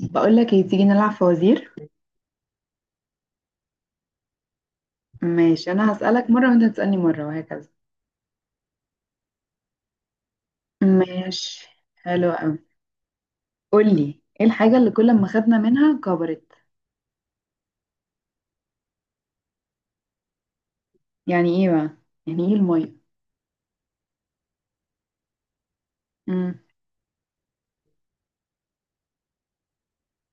بقول لك ايه، تيجي نلعب فوازير. ماشي، انا هسألك مرة وانت هتسألني مرة وهكذا. ماشي. حلو قوي. قول لي، ايه الحاجة اللي كل ما خدنا منها كبرت؟ يعني ايه بقى؟ يعني ايه المية؟ امم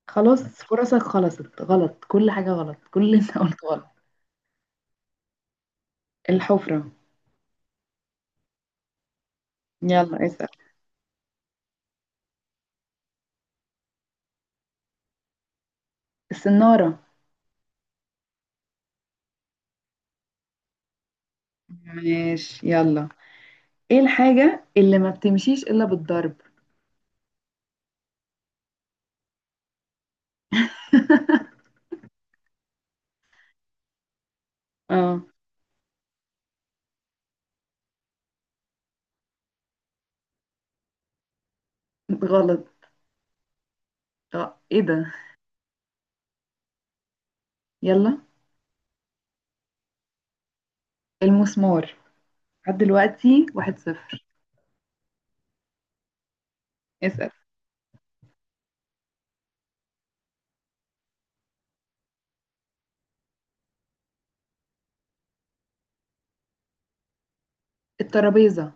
خلاص، فرصك خلصت. غلط، كل حاجة غلط، كل اللي انت قلت غلط. الحفرة. يلا اسأل. السنارة. ماشي يلا. ايه الحاجة اللي ما بتمشيش الا بالضرب؟ اه. غلط. اه، ايه ده؟ يلا. المسمار. لحد دلوقتي واحد صفر. اسأل. الترابيزة.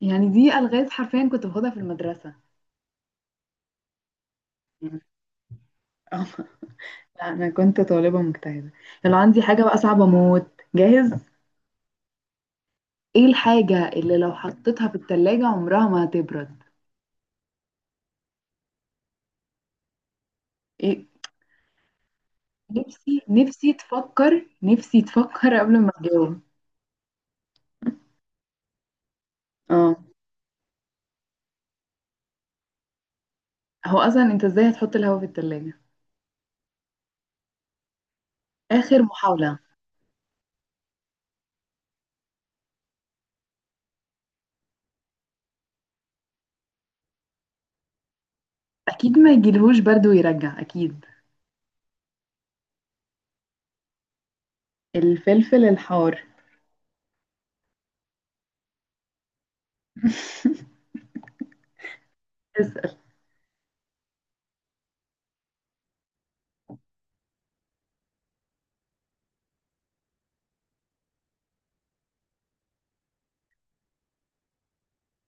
يعني دي ألغاز حرفيا كنت باخدها في المدرسة. يعني آه، لا، أنا كنت طالبة مجتهدة. لو عندي حاجة بقى صعبة موت، جاهز. إيه الحاجة اللي لو حطيتها في التلاجة عمرها ما هتبرد؟ إيه؟ نفسي تفكر قبل ما تجاوب. اه. هو أصلا أنت إزاي هتحط الهوا في التلاجة؟ آخر محاولة. أكيد ما يجيلهوش برد ويرجع، أكيد. الفلفل الحار. اسأل.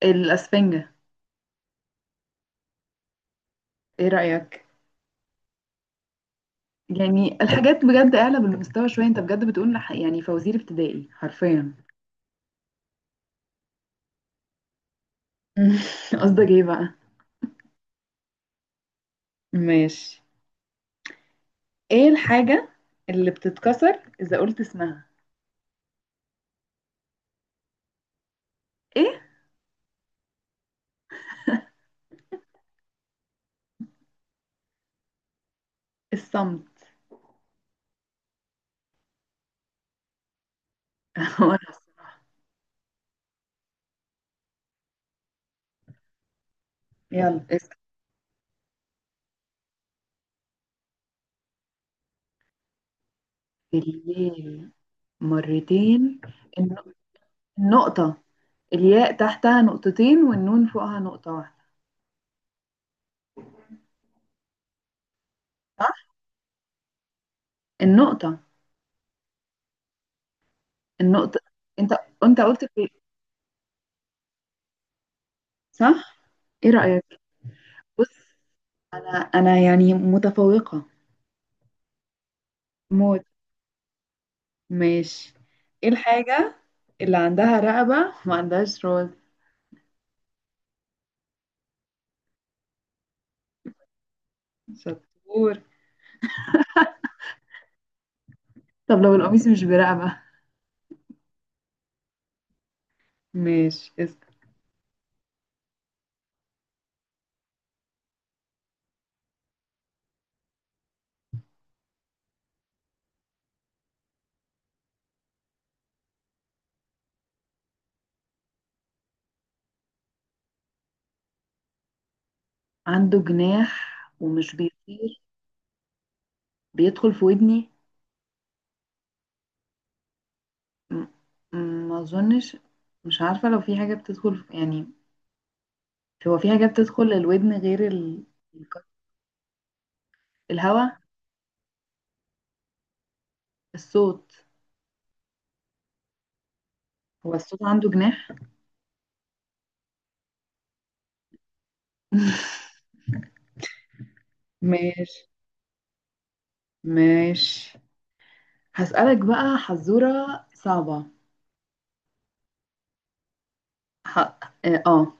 الأسفنجة. إيه رأيك؟ يعني الحاجات بجد اعلى بالمستوى شوية، انت بجد بتقول يعني فوازير ابتدائي حرفيا. قصدك ايه بقى؟ ماشي. ايه الحاجة اللي بتتكسر اذا قلت اسمها؟ ايه؟ الصمت. هو انا، الصراحة. يلا اسم. الياء، مرتين. الن- النقطة. الياء تحتها نقطتين والنون فوقها نقطة واحدة. صح. النقطة. النقطة. انت انت قلت في. صح. ايه رأيك؟ بص، انا يعني متفوقة موت. ماشي. ايه الحاجة اللي عندها رقبة ما عندهاش راس؟ شطور. طب لو القميص مش برقبة؟ ماشي اسكت. عنده جناح ومش بيطير، بيدخل في ودني. م- ما اظنش. مش عارفة لو في حاجة بتدخل في، يعني. هو في حاجة بتدخل الودن غير الهواء. الصوت. هو الصوت عنده جناح؟ ماشي ماشي. هسألك بقى حزورة صعبة. ح... اه آه.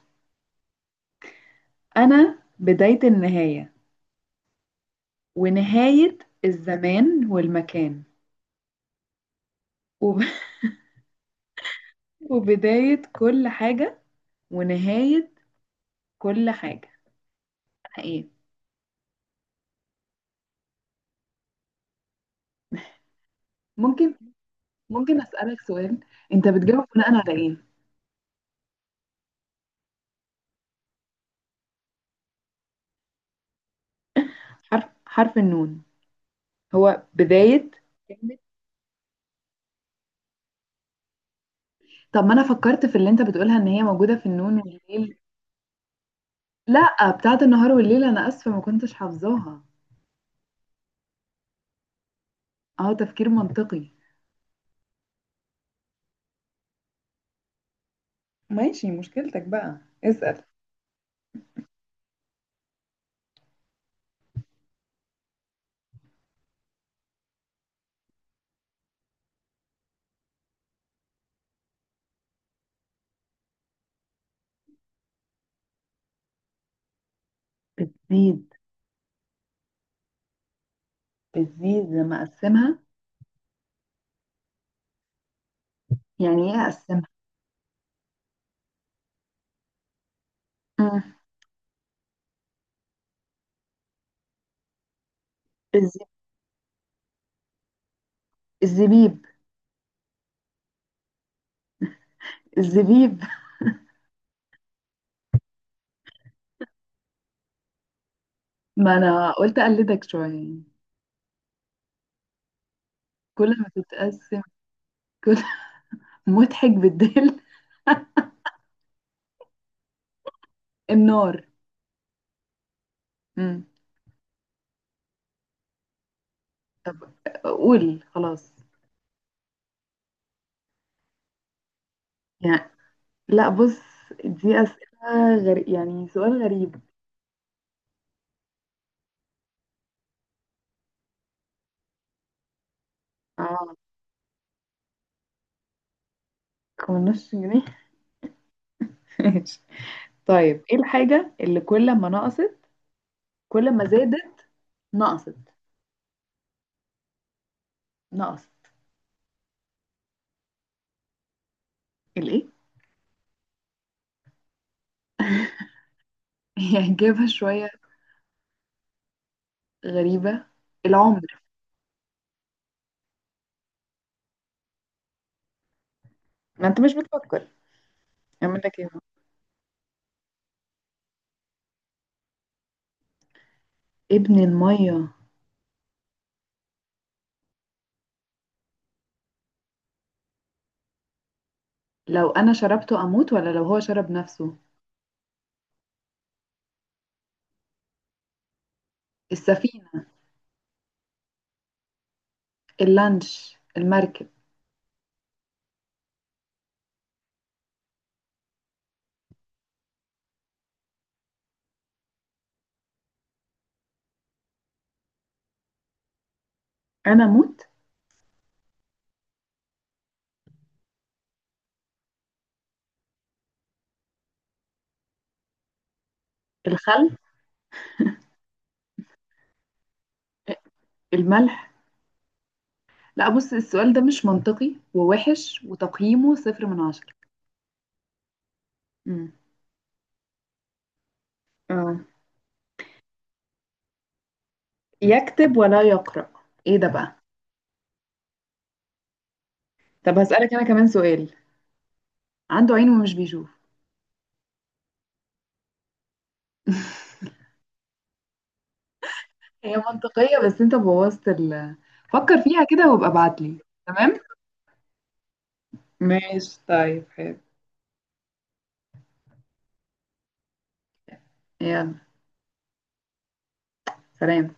أنا بداية النهاية ونهاية الزمان والمكان وب... وبداية كل حاجة ونهاية كل حاجة. أنا إيه؟ ممكن. ممكن أسألك سؤال؟ أنت بتجاوب بناء على إيه؟ حرف، حرف النون. هو بداية كلمة. طب ما أنا فكرت في اللي أنت بتقولها إن هي موجودة في النون والليل. لا، بتاعت النهار والليل، أنا آسفة ما كنتش حافظاها. أهو تفكير منطقي. ماشي، مشكلتك بقى. اسأل. بتزيد. بتزيد لما أقسمها؟ يعني ايه اقسمها؟ مم. الز- الزبيب. الزبيب. ما انا قلت اقلدك شويه يعني. كل ما تتقسم. كل مضحك بالدل. النار. مم. طب قول خلاص. يعني لا بص، دي اسئله غريب، يعني سؤال غريب. اه، 15 جنيه. ماشي. طيب، ايه الحاجه اللي كل ما نقصت كل ما زادت نقصت؟ نقصت. الايه؟ يعني إجابة شوية غريبة. العمر. ما انت مش بتفكر. اعمل لك ايه؟ ابن المية؟ لو أنا شربته أموت ولا لو هو شرب نفسه؟ السفينة. اللانش، المركب. أنا أموت. الخل. الملح. لا بص، السؤال ده مش منطقي ووحش وتقييمه صفر من عشرة. مم. آه. يكتب ولا يقرأ؟ ايه ده بقى؟ طب هسألك أنا كمان سؤال. عنده عين ومش بيشوف؟ هي منطقية بس انت بوظت. فكر فيها كده وابقى ابعتلي. تمام. ماشي، طيب، حلو. يلا. سلام.